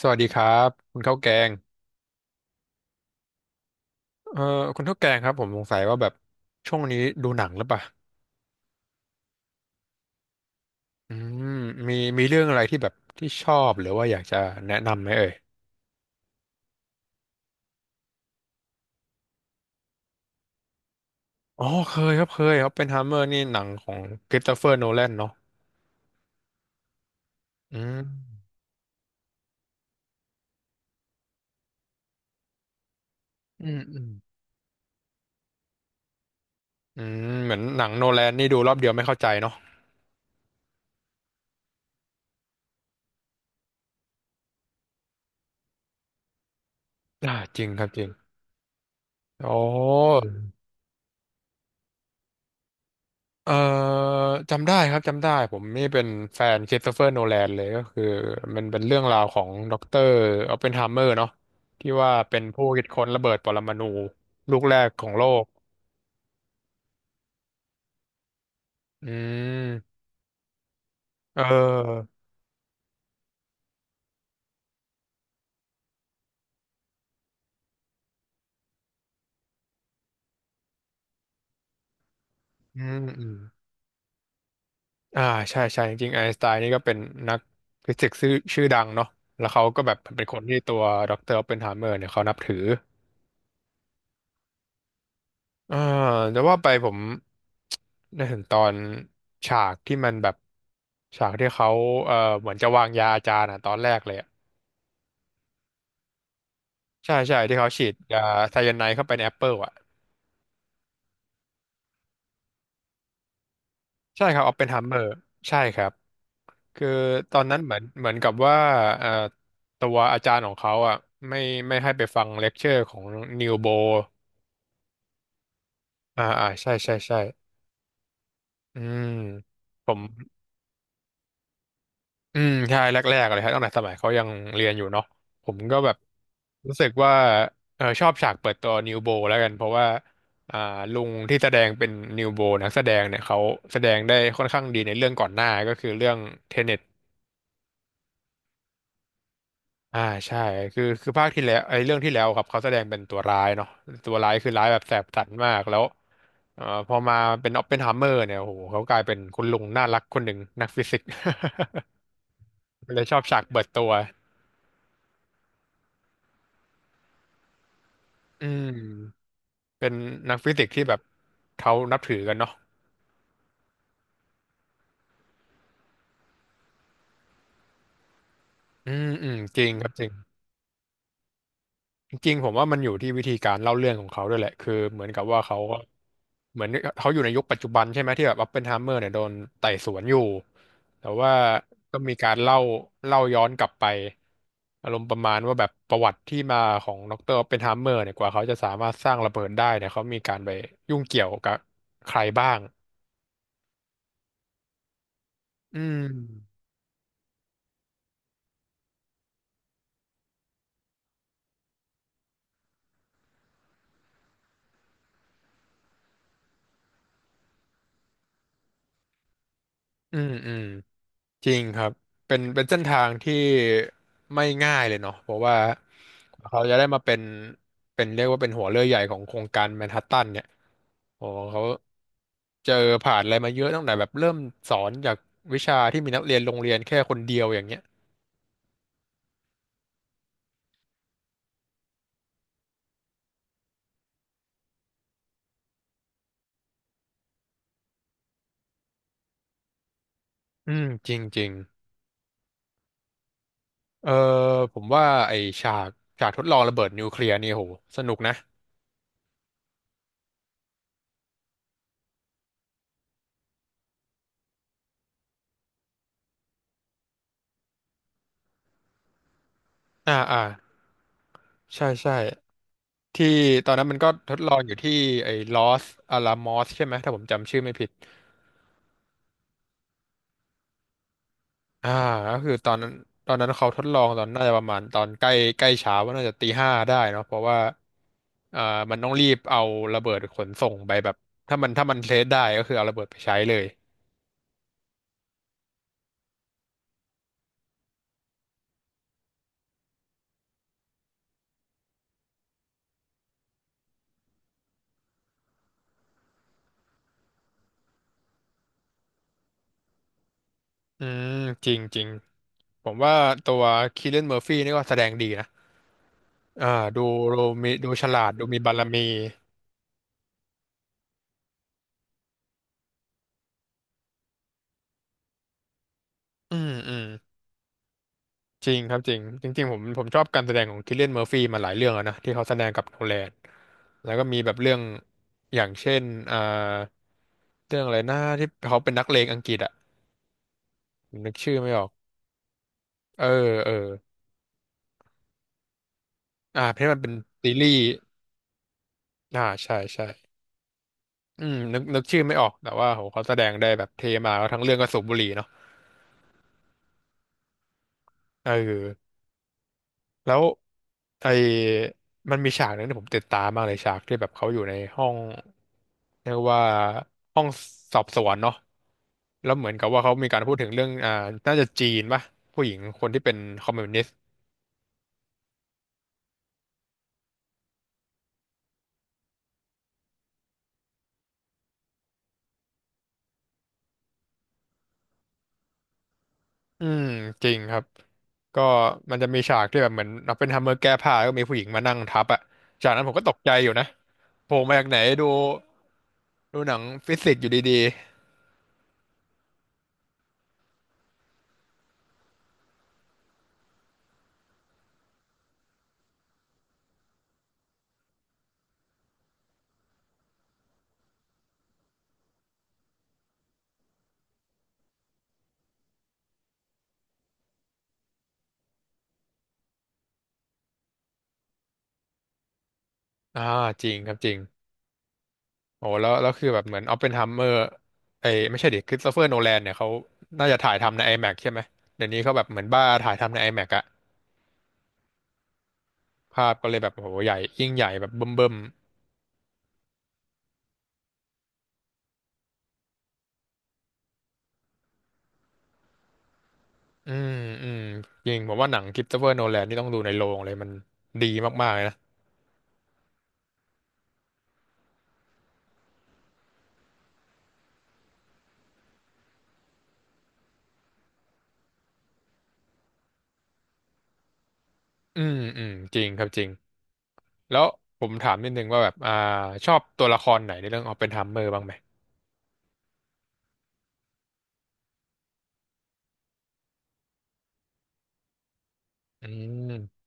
สวัสดีครับคุณข้าวแกงเอ่อคุณข้าวแกงครับผมสงสัยว่าแบบช่วงนี้ดูหนังหรือเปล่าอืมมีเรื่องอะไรที่แบบที่ชอบหรือว่าอยากจะแนะนำไหมเอ่ยอ๋อเคยครับเคยครับเป็นฮัมเมอร์นี่หนังของคริสโตเฟอร์โนแลนเนาะอืมอืมอืมเหมือนหนังโนแลนนี่ดูรอบเดียวไม่เข้าใจเนาะอ่าจริงครับจริงโอ้ เอ่อจำได้ครับจำได้ผมนี่เป็นแฟนค h r i s t เฟอร์โนแลนเลยก็คือมันเป็นเรื่องราวของด็อกเตอร์ออปเพนไฮเมอร์เนาะที่ว่าเป็นผู้คิดค้นระเบิดปรมาณูลูกแรกของโลกอืมเอออืมอืมอ่าใช่ใช่จริงๆไอน์สไตน์นี่ก็เป็นนักฟิสิกส์ชื่อดังเนาะแล้วเขาก็แบบเป็นคนที่ตัวด็อกเตอร์ออปเพนไฮเมอร์เนี่ยเขานับถือ อ่าแต่ว่าไปผม ได้เห็นตอนฉากที่มันแบบฉากที่เขาเหมือนจะวางยาอาจารย์อ่ะตอนแรกเลยอะใช่ใช่ที่เขาฉีดยาไซยาไนด์เข้าไปในแอปเปิลอ่ะใช่ครับออปเพนไฮเมอร์ใช่ครับคือตอนนั้นเหมือนกับว่าเอ่อตัวอาจารย์ของเขาอ่ะไม่ไม่ให้ไปฟังเลคเชอร์ของนิวโบอ่าอ่าใช่ใช่ใช่อืมผม อืมใช่แรกๆเลยครับตั้งแต่สมัยเขายังเรียนอยู่เนาะผมก็แบบรู้สึกว่าเออชอบฉากเปิดตัวนิวโบแล้วกันเพราะว่าอ่าลุงที่แสดงเป็นนิวโบนักแสดงเนี่ยเขาแสดงได้ค่อนข้างดีในเรื่องก่อนหน้าก็คือเรื่องเทเน็ตอ่าใช่คือภาคที่แล้วไอ้เรื่องที่แล้วครับเขาแสดงเป็นตัวร้ายเนาะตัวร้ายคือร้ายแบบแสบสันมากแล้วพอมาเป็นออปเพนไฮเมอร์เนี่ยโอ้โหเขากลายเป็นคุณลุงน่ารักคนหนึ่งนักฟิสิกส์ เลยชอบฉากเปิดตัวอืม เป็นนักฟิสิกส์ที่แบบเขานับถือกันเนาะอืมอืมจริงครับจริงจริงๆผมว่ามันอยู่ที่วิธีการเล่าเรื่องของเขาด้วยแหละคือเหมือนกับว่าเขาก็เหมือนเขาอยู่ในยุคปัจจุบันใช่ไหมที่แบบอ p ปเพนไฮเมอร์เนี่ยโดนไต่สวนอยู่แต่ว่าก็มีการเล่าย้อนกลับไปอารมณ์ประมาณว่าแบบประวัติที่มาของดรออปเพนไฮเมอร์เนี่ยกว่าเขาจะสามารถสร้างระเบิดได้เนี่ยเขามีการไปยุ่งเกี่ยวกับใครบ้างอืมอืมอืม จริงครับ เป็น เป็นเส้นทางที่ไม่ง่ายเลยเนาะเพราะว่าเขาจะได้มาเป็น เป็นเรียกว่าเป็นหัวเรือใหญ่ของโครงการแมนฮัตตันเนี่ยโอ้เขาเจอผ่านอะไรมาเยอะตั้งแต่แบบเริ่มสอนจากวิชาที่มีนักเรียนโรงเรียนแค่คนเดียวอย่างเงี้ย อืม จริงจริง เออ ผมว่าไอ้ฉากฉากทดลองระเบิดนิวเคลียร์นี่โหสนุกนะ อ่า อ่าใช่ใช่ที่ตอนนั้นมันก็ทดลองอยู่ที่ไอ้ลอสอาลามอสใช่ไหมถ้าผมจำชื่อไม่ผิด อ่าก็คือตอนนั้นตอนนั้นเขาทดลองตอนน่าจะประมาณตอนใกล้ใกล้เช้าว่าน่าจะตีห้าได้เนาะเพราะว่าอ่ามันต้องรีบเอาระเบิดขนส่งไปแบบถ้ามันเทสได้ก็คือเอาระเบิดไปใช้เลยอืมจริงจริงผมว่าตัวคีเลนเมอร์ฟี่นี่ก็แสดงดีนะอ่าดูดูมีดูฉลาดดูมีบารมีอืมอืมจริงครับจริงจริงๆผมชอบการแสดงของคิลเลียนเมอร์ฟี่มาหลายเรื่องแล้วนะที่เขาแสดงกับโนแลนแล้วก็มีแบบเรื่องอย่างเช่นอ่า เรื่องอะไรนะที่เขาเป็นนักเลงอังกฤษอะผมนึกชื่อไม่ออกเออเอออ่าเพราะมันเป็นซีรีส์อ่าใช่ใช่อืมนึกชื่อไม่ออกแต่ว่าโหเขาแสดงได้แบบเทมากแล้วทั้งเรื่องก็สูบบุหรี่เนาะเออแล้วไอ้มันมีฉากหนึงที่ผมติดตามมากเลยฉากที่แบบเขาอยู่ในห้องเรียกว่าห้องสอบสวนเนาะแล้วเหมือนกับว่าเขามีการพูดถึงเรื่องอ่าน่าจะจีนป่ะผู้หญิงคนที่เป็นคอมมิวนิสต์ อืมจริงครับก็มันจะมีฉากที่แบบเหมือนเราเป็นทมเมอร์แก้ผ้าแล้วก็มีผู้หญิงมานั่งทับอ่ะจากนั้นผมก็ตกใจอยู่นะโผล่มาจากไหนดูดูหนังฟิสิกส์อยู่ดีๆจริงครับจริงโอ้แล้วคือแบบเหมือนออปเพนไฮเมอร์ไอ้ยไม่ใช่ดิคริสโตเฟอร์โนแลนเนี่ยเขาน่าจะถ่ายทำใน IMAX ใช่ไหมเดี๋ยวนี้เขาแบบเหมือนบ้าถ่ายทำใน IMAX อแม็กซ์อะภาพก็เลยแบบโอ้โหใหญ่ยิ่งใหญ่แบบเบิ่มๆอืมจริงผมว่าหนังคริสโตเฟอร์โนแลนนี่ต้องดูในโรงเลยมันดีมากๆเลยนะอืมอืมจริงครับจริง แล้วผมถามนิดนึงว่าแบบชอบตัวละครไหนในเรื่องออปเพนไฮเมอร์บ้างไหมอืม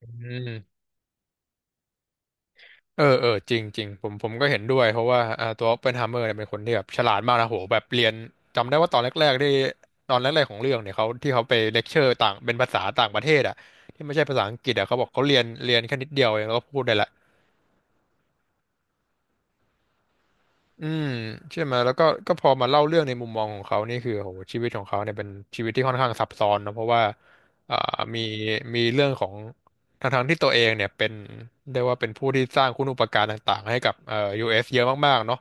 อืมเออ จริงจริงผมก็เห็นด้วยเพราะว่าตัวออปเพนไฮเมอร์เนี่ยเป็นคนที่แบบฉลาดมากนะโหแบบเรียนจำได้ว่าตอนแรกๆที่ตอนแรกๆของเรื่องเนี่ยเขาที่เขาไปเลคเชอร์ต่างเป็นภาษาต่างประเทศอ่ะที่ไม่ใช่ภาษาอังกฤษอ่ะเขาบอกเขาเรียนแค่นิดเดียวเองแล้วก็พูดได้ละ อืมใช่ไหมแล้วก็พอมาเล่าเรื่องในมุมมองของเขานี่คือโหชีวิตของเขาเนี่ยเป็นชีวิตที่ค่อนข้างซับซ้อนนะเพราะว่าอ่ามีมีเรื่องของทั้งที่ตัวเองเนี่ยเป็นเรียกว่าเป็นผู้ที่สร้างคุณูปการต่างๆให้กับUS เอสเยอะมากๆเนาะ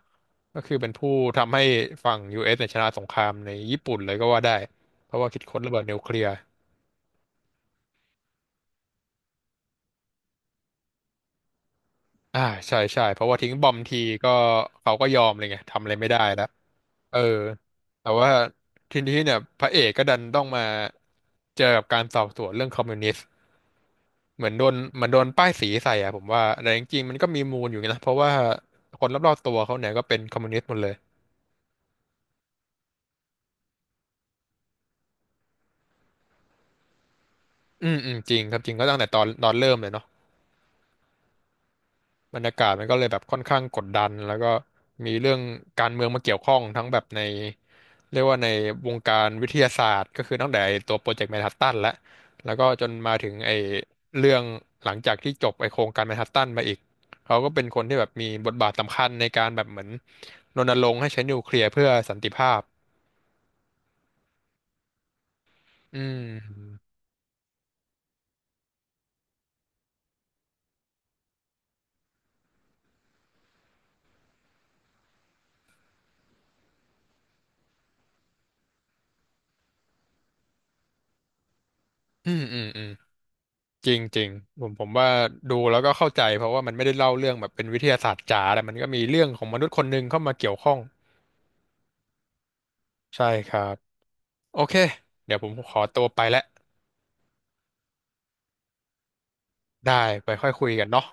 ก็คือเป็นผู้ทำให้ฝั่ง US เอสเนี่ยชนะสงครามในญี่ปุ่นเลยก็ว่าได้เพราะว่าคิดค้นระเบิดนิวเคลียร์อ่าใช่ใช่เพราะว่าทิ้งบอมทีก็เขาก็ยอมเลยไงทำอะไรไม่ได้แล้วเออแต่ว่าทีนี้เนี่ยพระเอกก็ดันต้องมา เจอกับการสอบสวนเรื่องคอมมิวนิสต์เหมือนโดนป้ายสีใส่อ่ะผมว่าแต่จริงๆมันก็มีมูลอยู่นะเพราะว่าคนรอบๆตัวเขาเนี่ยก็เป็นคอมมิวนิสต์หมดเลยอืมอืมจริงครับจริงก็ตั้งแต่ตอนเริ่มเลยเนาะบรรยากาศมันก็เลยแบบค่อนข้างกดดันแล้วก็มีเรื่องการเมืองมาเกี่ยวข้องทั้งแบบใน เรียกว่าในวงการวิทยาศาสตร์ก็คือตั้งแต่ไอ้ตัวโปรเจกต์แมนฮัตตันแล้ว แล้วก็จนมาถึงไอ้เรื่องหลังจากที่จบไอ้โครงการแมนฮัตตันมาอีก เขาก็เป็นคนที่แบบมีบทบาทสำคัญในการแบบเหมือนรณรงค์ให้ใช้นิวเคลียร์เพื่อสันติภาพอืมอืมอืมอืมจริงจริงผมว่าดูแล้วก็เข้าใจเพราะว่ามันไม่ได้เล่าเรื่องแบบเป็นวิทยาศาสตร์จ๋าแต่มันก็มีเรื่องของมนุษย์คนหนึ่งเข้ามาเกี่ยวข้องใช่ครับโอเคเดี๋ยวผมขอตัวไปแล้วได้ไปค่อยคุยกันเนาะ